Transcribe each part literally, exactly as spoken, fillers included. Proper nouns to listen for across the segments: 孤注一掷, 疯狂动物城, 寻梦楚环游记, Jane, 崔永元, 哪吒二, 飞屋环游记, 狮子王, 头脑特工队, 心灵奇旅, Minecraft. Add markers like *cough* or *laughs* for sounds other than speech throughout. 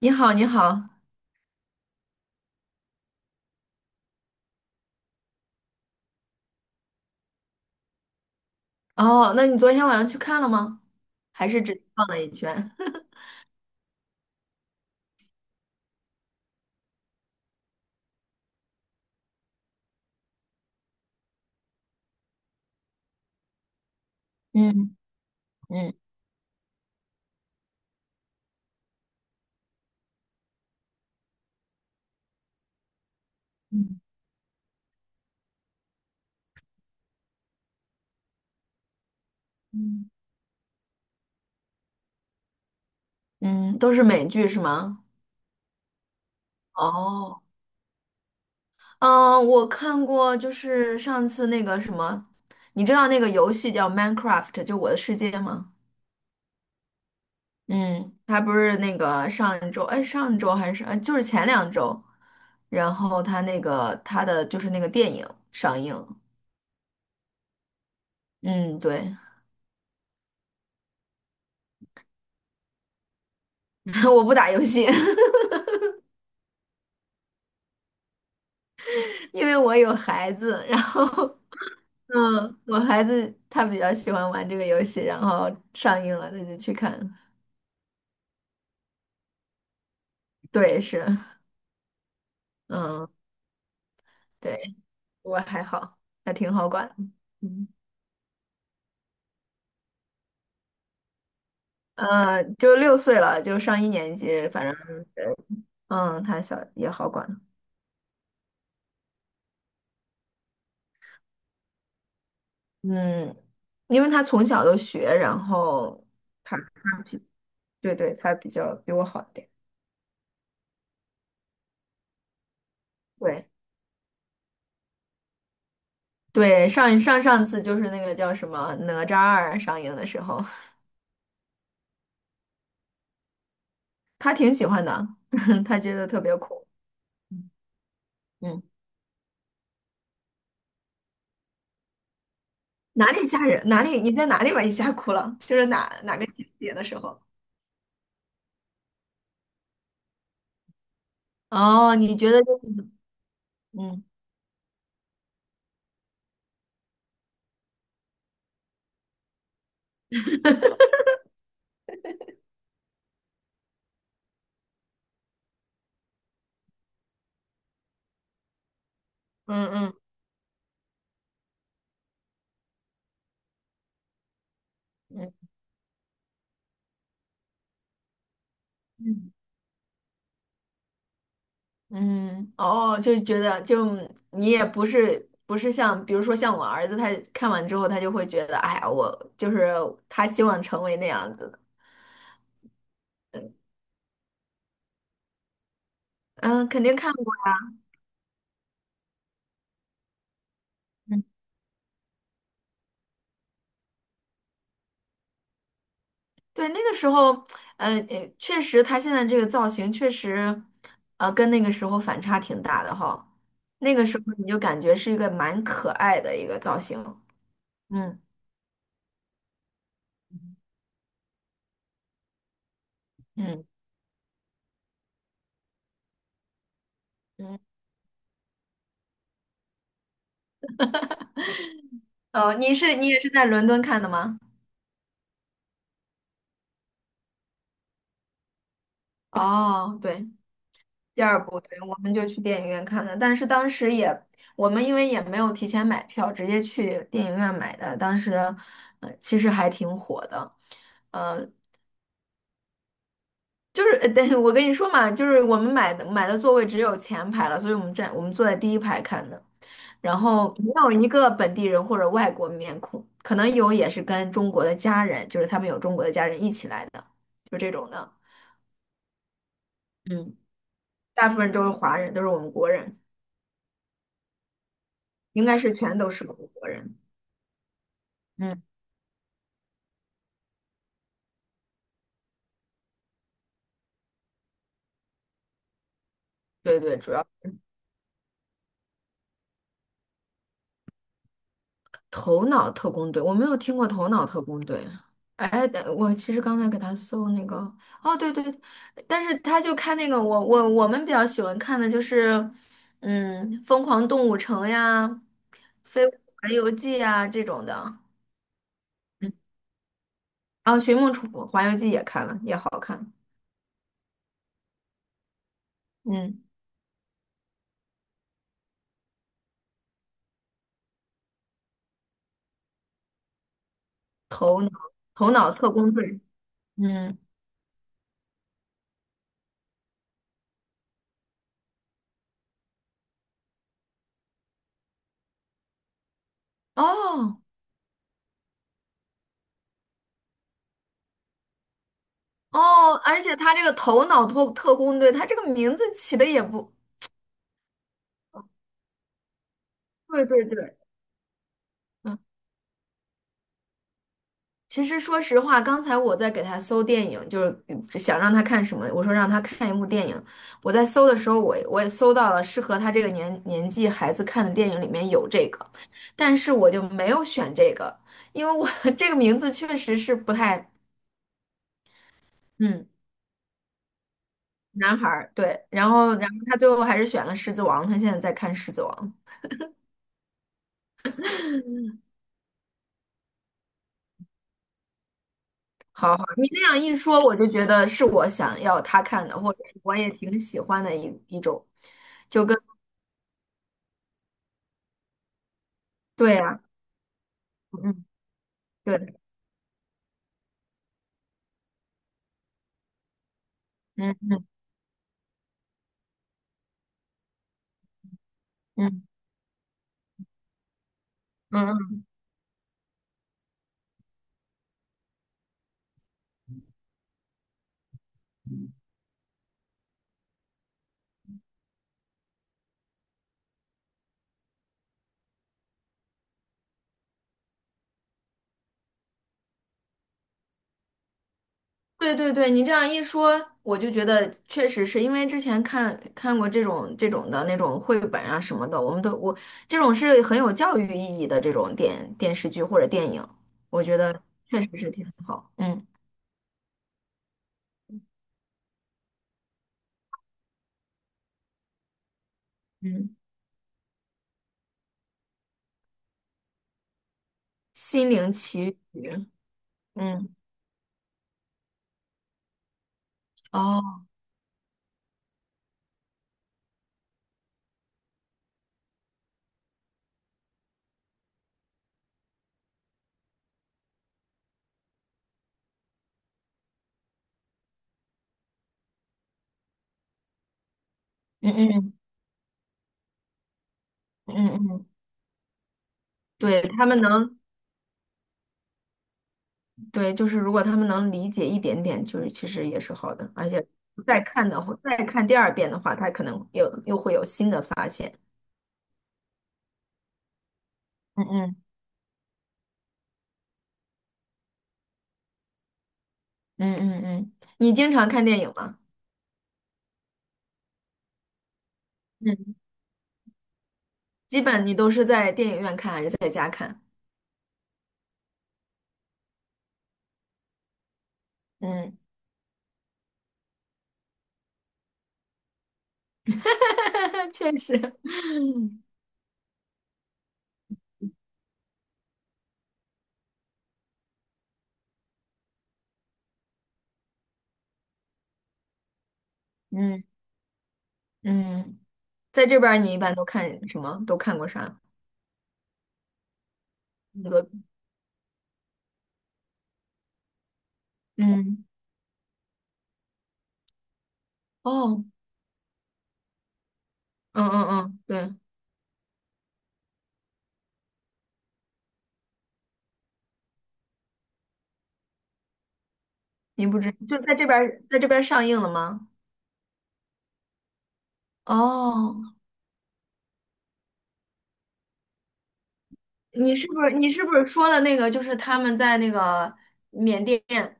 你好，你好，哦，那你昨天晚上去看了吗？还是只逛了一圈？*laughs* 嗯嗯嗯嗯嗯，都是美剧是吗？哦，嗯，我看过，就是上次那个什么，你知道那个游戏叫《Minecraft》，就我的世界吗？嗯，它不是那个上一周，哎，上周还是哎，就是前两周，然后它那个它的就是那个电影上映，嗯，对，*laughs* 我不打游戏，*laughs* 因为我有孩子，然后嗯，我孩子他比较喜欢玩这个游戏，然后上映了他就去看。对，是，嗯，对，我还好，还挺好管的。嗯，呃就六岁了，就上一年级，反正对。嗯，他小也好管。嗯，因为他从小都学，然后他他比对对，他比较比我好一点。对对，上上上次就是那个叫什么《哪吒二》上映的时候。他挺喜欢的，*laughs* 他觉得特别酷。嗯，哪里吓人？哪里？你在哪里把你吓哭了？就是哪哪个情节的时候？哦，你觉得就嗯嗯嗯嗯嗯嗯，哦，就是觉得就你也不是不是像，比如说像我儿子，他看完之后，他就会觉得，哎呀，我就是他希望成为那样子的。嗯，肯定看过。对，那个时候，嗯，呃确实，他现在这个造型确实，呃，跟那个时候反差挺大的哈。那个时候你就感觉是一个蛮可爱的一个造型。嗯嗯嗯。哦，你是你也是在伦敦看的吗？哦，对，第二部，对，我们就去电影院看的，但是当时也，我们因为也没有提前买票，直接去电影院买的，当时，呃，其实还挺火的。呃。就是，呃等我跟你说嘛，就是我们买的买的座位只有前排了，所以我们站我们坐在第一排看的，然后没有一个本地人或者外国面孔，可能有也是跟中国的家人，就是他们有中国的家人一起来的，就这种的，嗯，大部分都是华人，都是我们国人，应该是全都是我们国人，嗯，对对，主要。头脑特工队，我没有听过头脑特工队。哎，但我其实刚才给他搜那个，哦，对对，但是他就看那个，我我我们比较喜欢看的就是，嗯，《疯狂动物城》呀，《飞屋环游记》呀这种的。嗯，啊，《寻梦楚环游记》也看了，也好看。嗯，头脑头脑特工队。嗯，哦哦，而且他这个头脑特特工队，他这个名字起的也不对，对对。嗯。其实说实话，刚才我在给他搜电影，就是嗯想让他看什么，我说让他看一部电影。我在搜的时候，我我也搜到了适合他这个年年纪孩子看的电影，里面有这个，但是我就没有选这个，因为我 *laughs* 这个名字确实是不太，嗯，男孩儿，对。然后，然后他最后还是选了《狮子王》，他现在在看《狮子王》。好好，你那样一说，我就觉得是我想要他看的，或者是我也挺喜欢的一一种，就跟对呀、嗯，对。嗯嗯嗯嗯，对对对，你这样一说，我就觉得确实是因为之前看看过这种这种的那种绘本啊什么的，我们都我这种是很有教育意义的这种电电视剧或者电影，我觉得确实是挺好。嗯嗯，心灵奇旅，嗯哦，嗯嗯嗯嗯嗯，对他们能对，就是如果他们能理解一点点，就是其实也是好的，而且再看的话，再看第二遍的话，他可能又又会有新的发现。嗯嗯嗯嗯嗯，你经常看电影吗？嗯，基本你都是在电影院看还是在家看？嗯，*laughs* 确实，嗯嗯，在这边儿你一般都看什么？都看过啥？那个，嗯，哦，嗯嗯嗯，对，你不知就在这边儿，在这边儿，上映了吗？哦，你是不是你是不是说的那个就是他们在那个缅甸？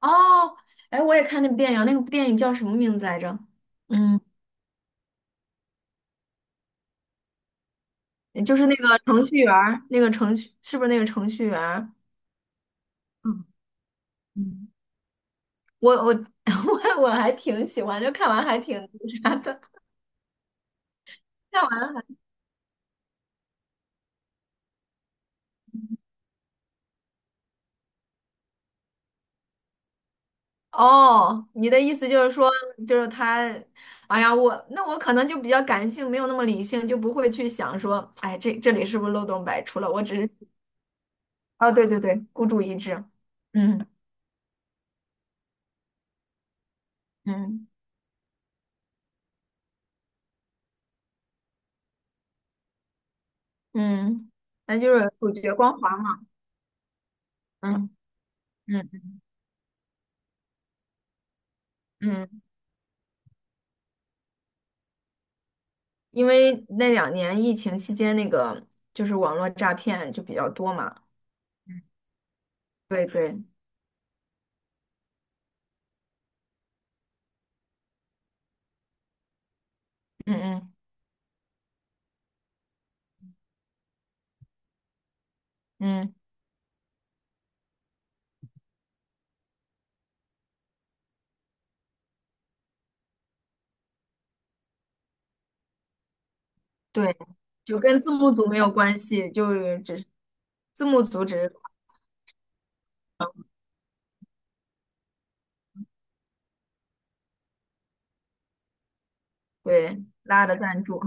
哦，哎，我也看那部电影，那个电影叫什么名字来着？嗯。就是那个程序员儿，那个程序是不是那个程序员儿。嗯嗯，我我 *laughs* 我我还挺喜欢，就看完还挺看完。哦，你的意思就是说，就是他，哎呀，我那我可能就比较感性，没有那么理性，就不会去想说，哎，这这里是不是漏洞百出了？我只是，哦，对对对，孤注一掷。嗯嗯嗯，那就是主角光环嘛。嗯嗯嗯。嗯。因为那两年疫情期间，那个就是网络诈骗就比较多嘛。对对，嗯嗯嗯，对，就跟字幕组没有关系，就是只是字幕组只是对拉的赞助。*laughs*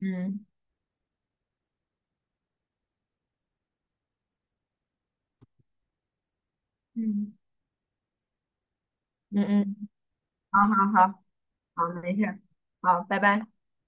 嗯嗯嗯嗯，好好好好，没事儿好，拜拜。